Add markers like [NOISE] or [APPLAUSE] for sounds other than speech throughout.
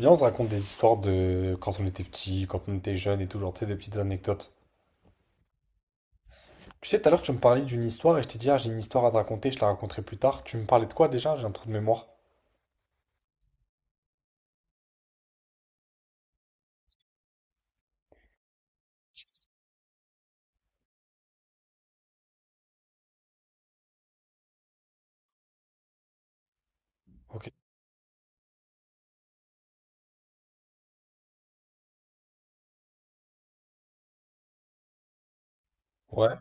Viens, on se raconte des histoires de quand on était petit, quand on était jeune et tout, genre, tu sais, des petites anecdotes. Tu sais, tout à l'heure, tu me parlais d'une histoire et je t'ai dit, ah, j'ai une histoire à te raconter, je te la raconterai plus tard. Tu me parlais de quoi déjà? J'ai un trou de mémoire. Ok. Ouais.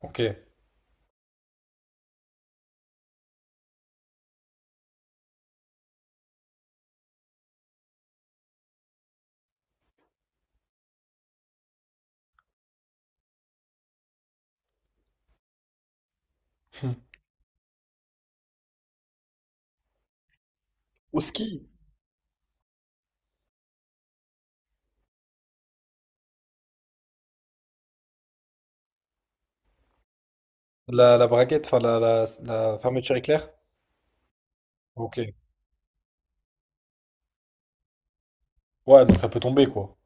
Ok. [LAUGHS] Hmm. Au ski, la braguette, enfin, la fermeture éclair? Ok. Ouais, donc ça peut tomber, quoi.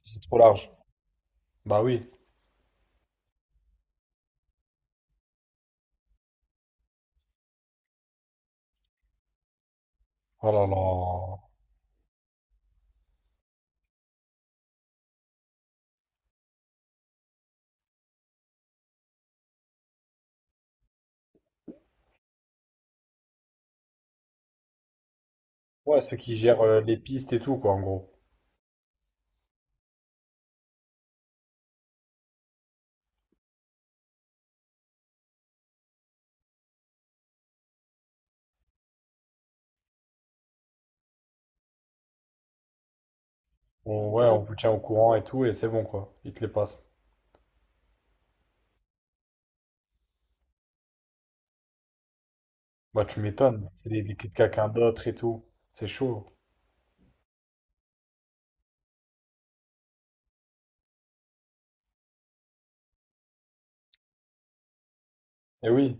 Si c'est trop large. Bah oui. Oh là là. Ouais, ceux qui gèrent les pistes et tout, quoi, en gros. Ouais, on vous tient au courant et tout, et c'est bon, quoi. Ils te les passent. Bah, tu m'étonnes, c'est les clés de quelqu'un d'autre et tout. C'est chaud. Et oui.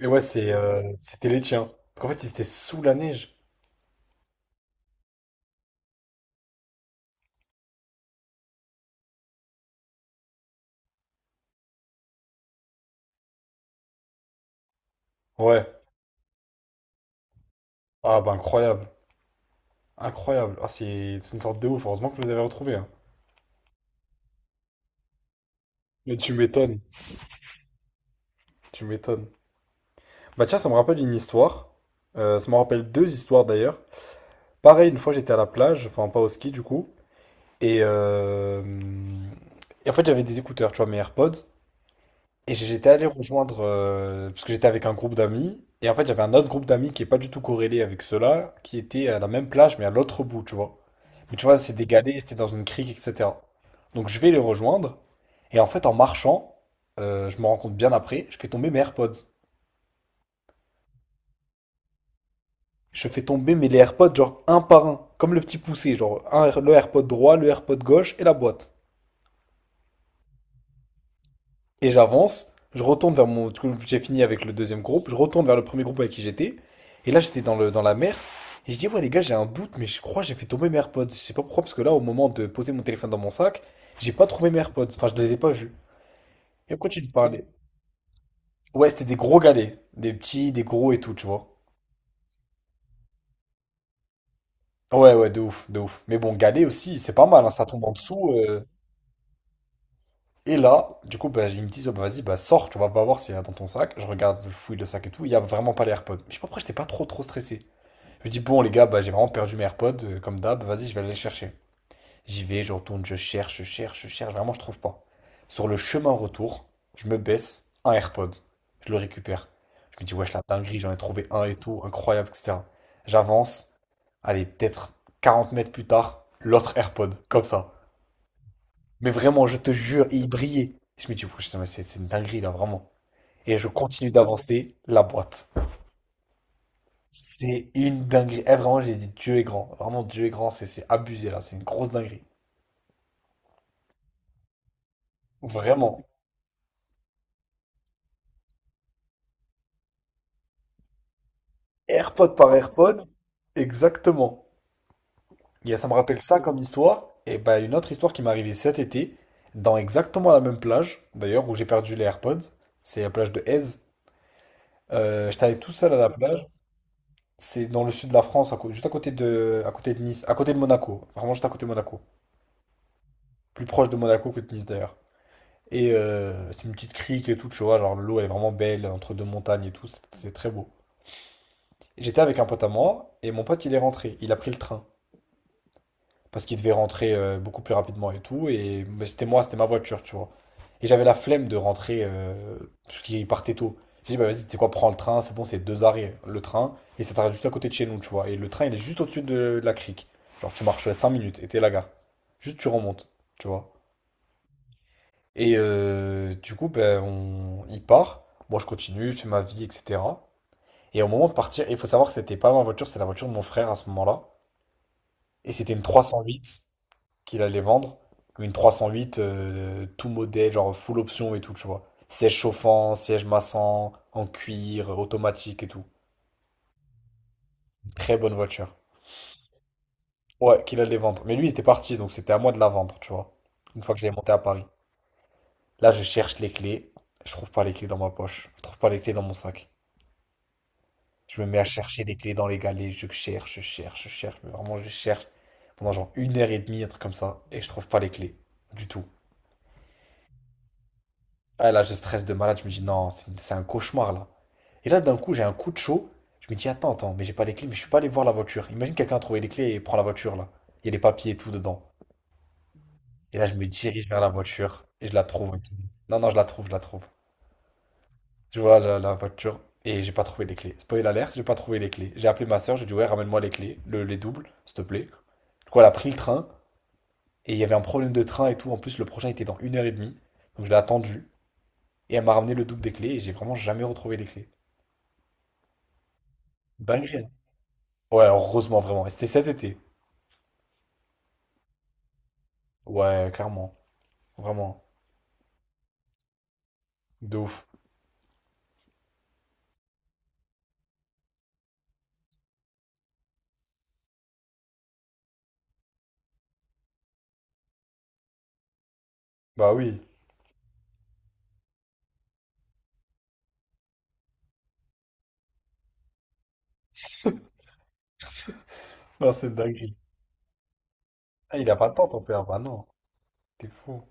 Et ouais, c'était les tiens. En fait, ils étaient sous la neige. Ouais. Ah, bah, incroyable. Incroyable. Ah, c'est une sorte de ouf. Heureusement que vous les avez retrouvés, hein. Mais tu m'étonnes. Tu m'étonnes. Bah, tiens, ça me rappelle une histoire. Ça me rappelle deux histoires d'ailleurs. Pareil, une fois, j'étais à la plage, enfin, pas au ski du coup. Et, euh, et en fait, j'avais des écouteurs, tu vois, mes AirPods. Et j'étais allé rejoindre, parce que j'étais avec un groupe d'amis, et en fait j'avais un autre groupe d'amis qui est pas du tout corrélé avec ceux-là, qui était à la même plage mais à l'autre bout, tu vois. Mais tu vois, c'est dégalé, c'était dans une crique, etc. Donc je vais les rejoindre, et en fait en marchant, je me rends compte bien après, je fais tomber mes AirPods. Je fais tomber mes les AirPods genre un par un, comme le petit poussé, genre un, le AirPod droit, le AirPod gauche et la boîte. Et j'avance, je retourne vers mon. Du coup, j'ai fini avec le deuxième groupe, je retourne vers le premier groupe avec qui j'étais. Et là, j'étais dans la mer. Et je dis, ouais, les gars, j'ai un doute, mais je crois que j'ai fait tomber mes AirPods. Je sais pas pourquoi, parce que là, au moment de poser mon téléphone dans mon sac, j'ai pas trouvé mes AirPods. Enfin, je les ai pas vus. Et on tu de parler. Ouais, c'était des gros galets. Des petits, des gros et tout, tu vois. Ouais, ouais, de ouf, de ouf. Mais bon, galet aussi, c'est pas mal, hein, ça tombe en dessous. Et là, du coup, bah, ils me disent, oh, bah, vas-y, bah, sors, tu vas pas voir s'il y a dans ton sac. Je regarde, je fouille le sac et tout, il y a vraiment pas les AirPods. Je sais pas pourquoi j'étais pas trop, trop stressé. Je me dis, bon, les gars, bah, j'ai vraiment perdu mes AirPods, comme d'hab, vas-y, je vais aller les chercher. J'y vais, je retourne, je cherche, je cherche, je cherche, vraiment, je trouve pas. Sur le chemin retour, je me baisse, un AirPod, je le récupère. Je me dis, wesh, la dinguerie, j'en ai trouvé un et tout, incroyable, etc. J'avance, allez, peut-être 40 mètres plus tard, l'autre AirPod, comme ça. Mais vraiment, je te jure, il brillait. Je me dis, wesh, putain, mais c'est une dinguerie, là, vraiment. Et je continue d'avancer, la boîte. C'est une dinguerie. Eh, vraiment, j'ai dit Dieu est grand. Vraiment, Dieu est grand. C'est abusé là. C'est une grosse dinguerie. Vraiment. AirPod par AirPod. Exactement. Ça me rappelle ça comme histoire. Et bah, une autre histoire qui m'est arrivée cet été, dans exactement la même plage, d'ailleurs, où j'ai perdu les AirPods. C'est la plage de Aise. J'étais allé tout seul à la plage. C'est dans le sud de la France, juste à côté de Nice, à côté de Monaco. Vraiment juste à côté de Monaco. Plus proche de Monaco que de Nice d'ailleurs. C'est une petite crique et tout, tu vois, genre l'eau elle est vraiment belle entre deux montagnes et tout, c'est très beau. J'étais avec un pote à moi et mon pote il est rentré, il a pris le train parce qu'il devait rentrer beaucoup plus rapidement et tout. Et mais c'était moi, c'était ma voiture, tu vois. Et j'avais la flemme de rentrer parce qu'il partait tôt. J'ai dit, bah vas-y, tu sais quoi, prends le train, c'est bon, c'est deux arrêts le train et ça t'arrête juste à côté de chez nous, tu vois. Et le train il est juste au-dessus de la crique, genre tu marches 5 minutes et t'es à la gare, juste tu remontes, tu vois. Du coup, ben, il part. Moi, je continue, je fais ma vie, etc. Et au moment de partir, il faut savoir que c'était pas ma voiture, c'était la voiture de mon frère à ce moment-là. Et c'était une 308 qu'il allait vendre. Une 308, tout modèle, genre full option et tout, tu vois. Siège chauffant, siège massant, en cuir, automatique et tout. Très bonne voiture. Ouais, qu'il allait vendre. Mais lui, il était parti, donc c'était à moi de la vendre, tu vois. Une fois que j'avais monté à Paris. Là, je cherche les clés. Je trouve pas les clés dans ma poche. Je trouve pas les clés dans mon sac. Je me mets à chercher les clés dans les galets, je cherche, je cherche, je cherche, mais vraiment je cherche pendant genre une heure et demie, un truc comme ça, et je trouve pas les clés du tout. Ah là, je stresse de malade, je me dis non, c'est un cauchemar là. Et là, d'un coup, j'ai un coup de chaud, je me dis attends, attends, mais j'ai pas les clés, mais je suis pas allé voir la voiture. Imagine quelqu'un a trouvé les clés et prend la voiture là. Il y a les papiers et tout dedans. Et là, je me dirige vers la voiture et je la trouve et tout. Non, non, je la trouve, je la trouve. Je vois la voiture et j'ai pas trouvé les clés. Spoil alerte, j'ai pas trouvé les clés. J'ai appelé ma soeur, j'ai dit ouais, ramène-moi les clés, les doubles, s'il te plaît. Du coup, elle a pris le train et il y avait un problème de train et tout. En plus, le prochain était dans une heure et demie. Donc je l'ai attendu et elle m'a ramené le double des clés et j'ai vraiment jamais retrouvé les clés. Dinguerie, hein. Ouais, heureusement, vraiment. Et c'était cet été. Ouais, clairement. Vraiment. De ouf. Bah oui. Non, c'est dinguerie. Ah, il a pas de temps, ton père. Bah non. T'es fou.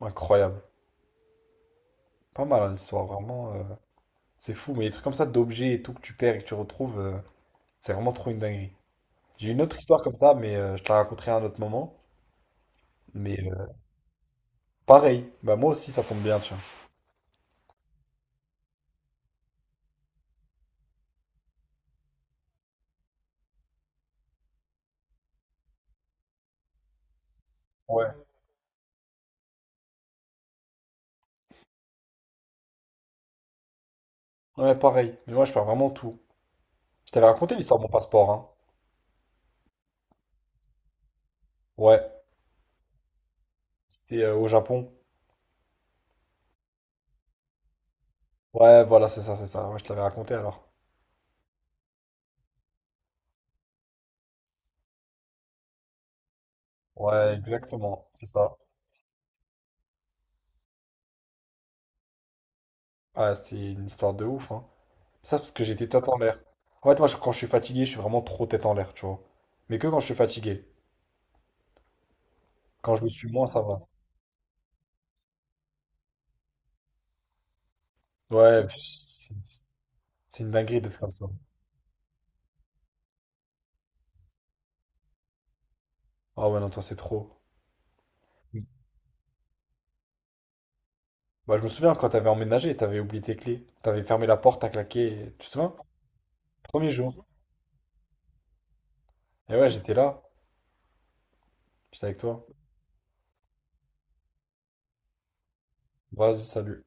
Incroyable. Pas mal, hein, l'histoire, vraiment. C'est fou, mais les trucs comme ça d'objets et tout que tu perds et que tu retrouves. C'est vraiment trop une dinguerie. J'ai une autre histoire comme ça, mais je te la raconterai à un autre moment. Mais euh, pareil, bah moi aussi ça tombe bien, tiens. Ouais, ouais, pareil. Mais moi je perds vraiment tout. Je t'avais raconté l'histoire de mon passeport, hein. Ouais, c'était au Japon. Ouais, voilà, c'est ça, c'est ça. Ouais, je te l'avais raconté alors. Ouais, exactement, c'est ça. Ouais, c'est une histoire de ouf, hein. Ça, c'est parce que j'étais tête en l'air. En fait, moi, quand je suis fatigué, je suis vraiment trop tête en l'air, tu vois. Mais que quand je suis fatigué. Quand je le suis moins, ça va. Ouais, pff, c'est une dinguerie d'être comme ça. Ah ouais, non, toi, c'est trop. Bah, je me souviens quand t'avais emménagé, t'avais oublié tes clés, t'avais fermé la porte, t'as claqué, tu te souviens? Premier jour. Et ouais, j'étais là, j'étais avec toi. Vas-y, salut.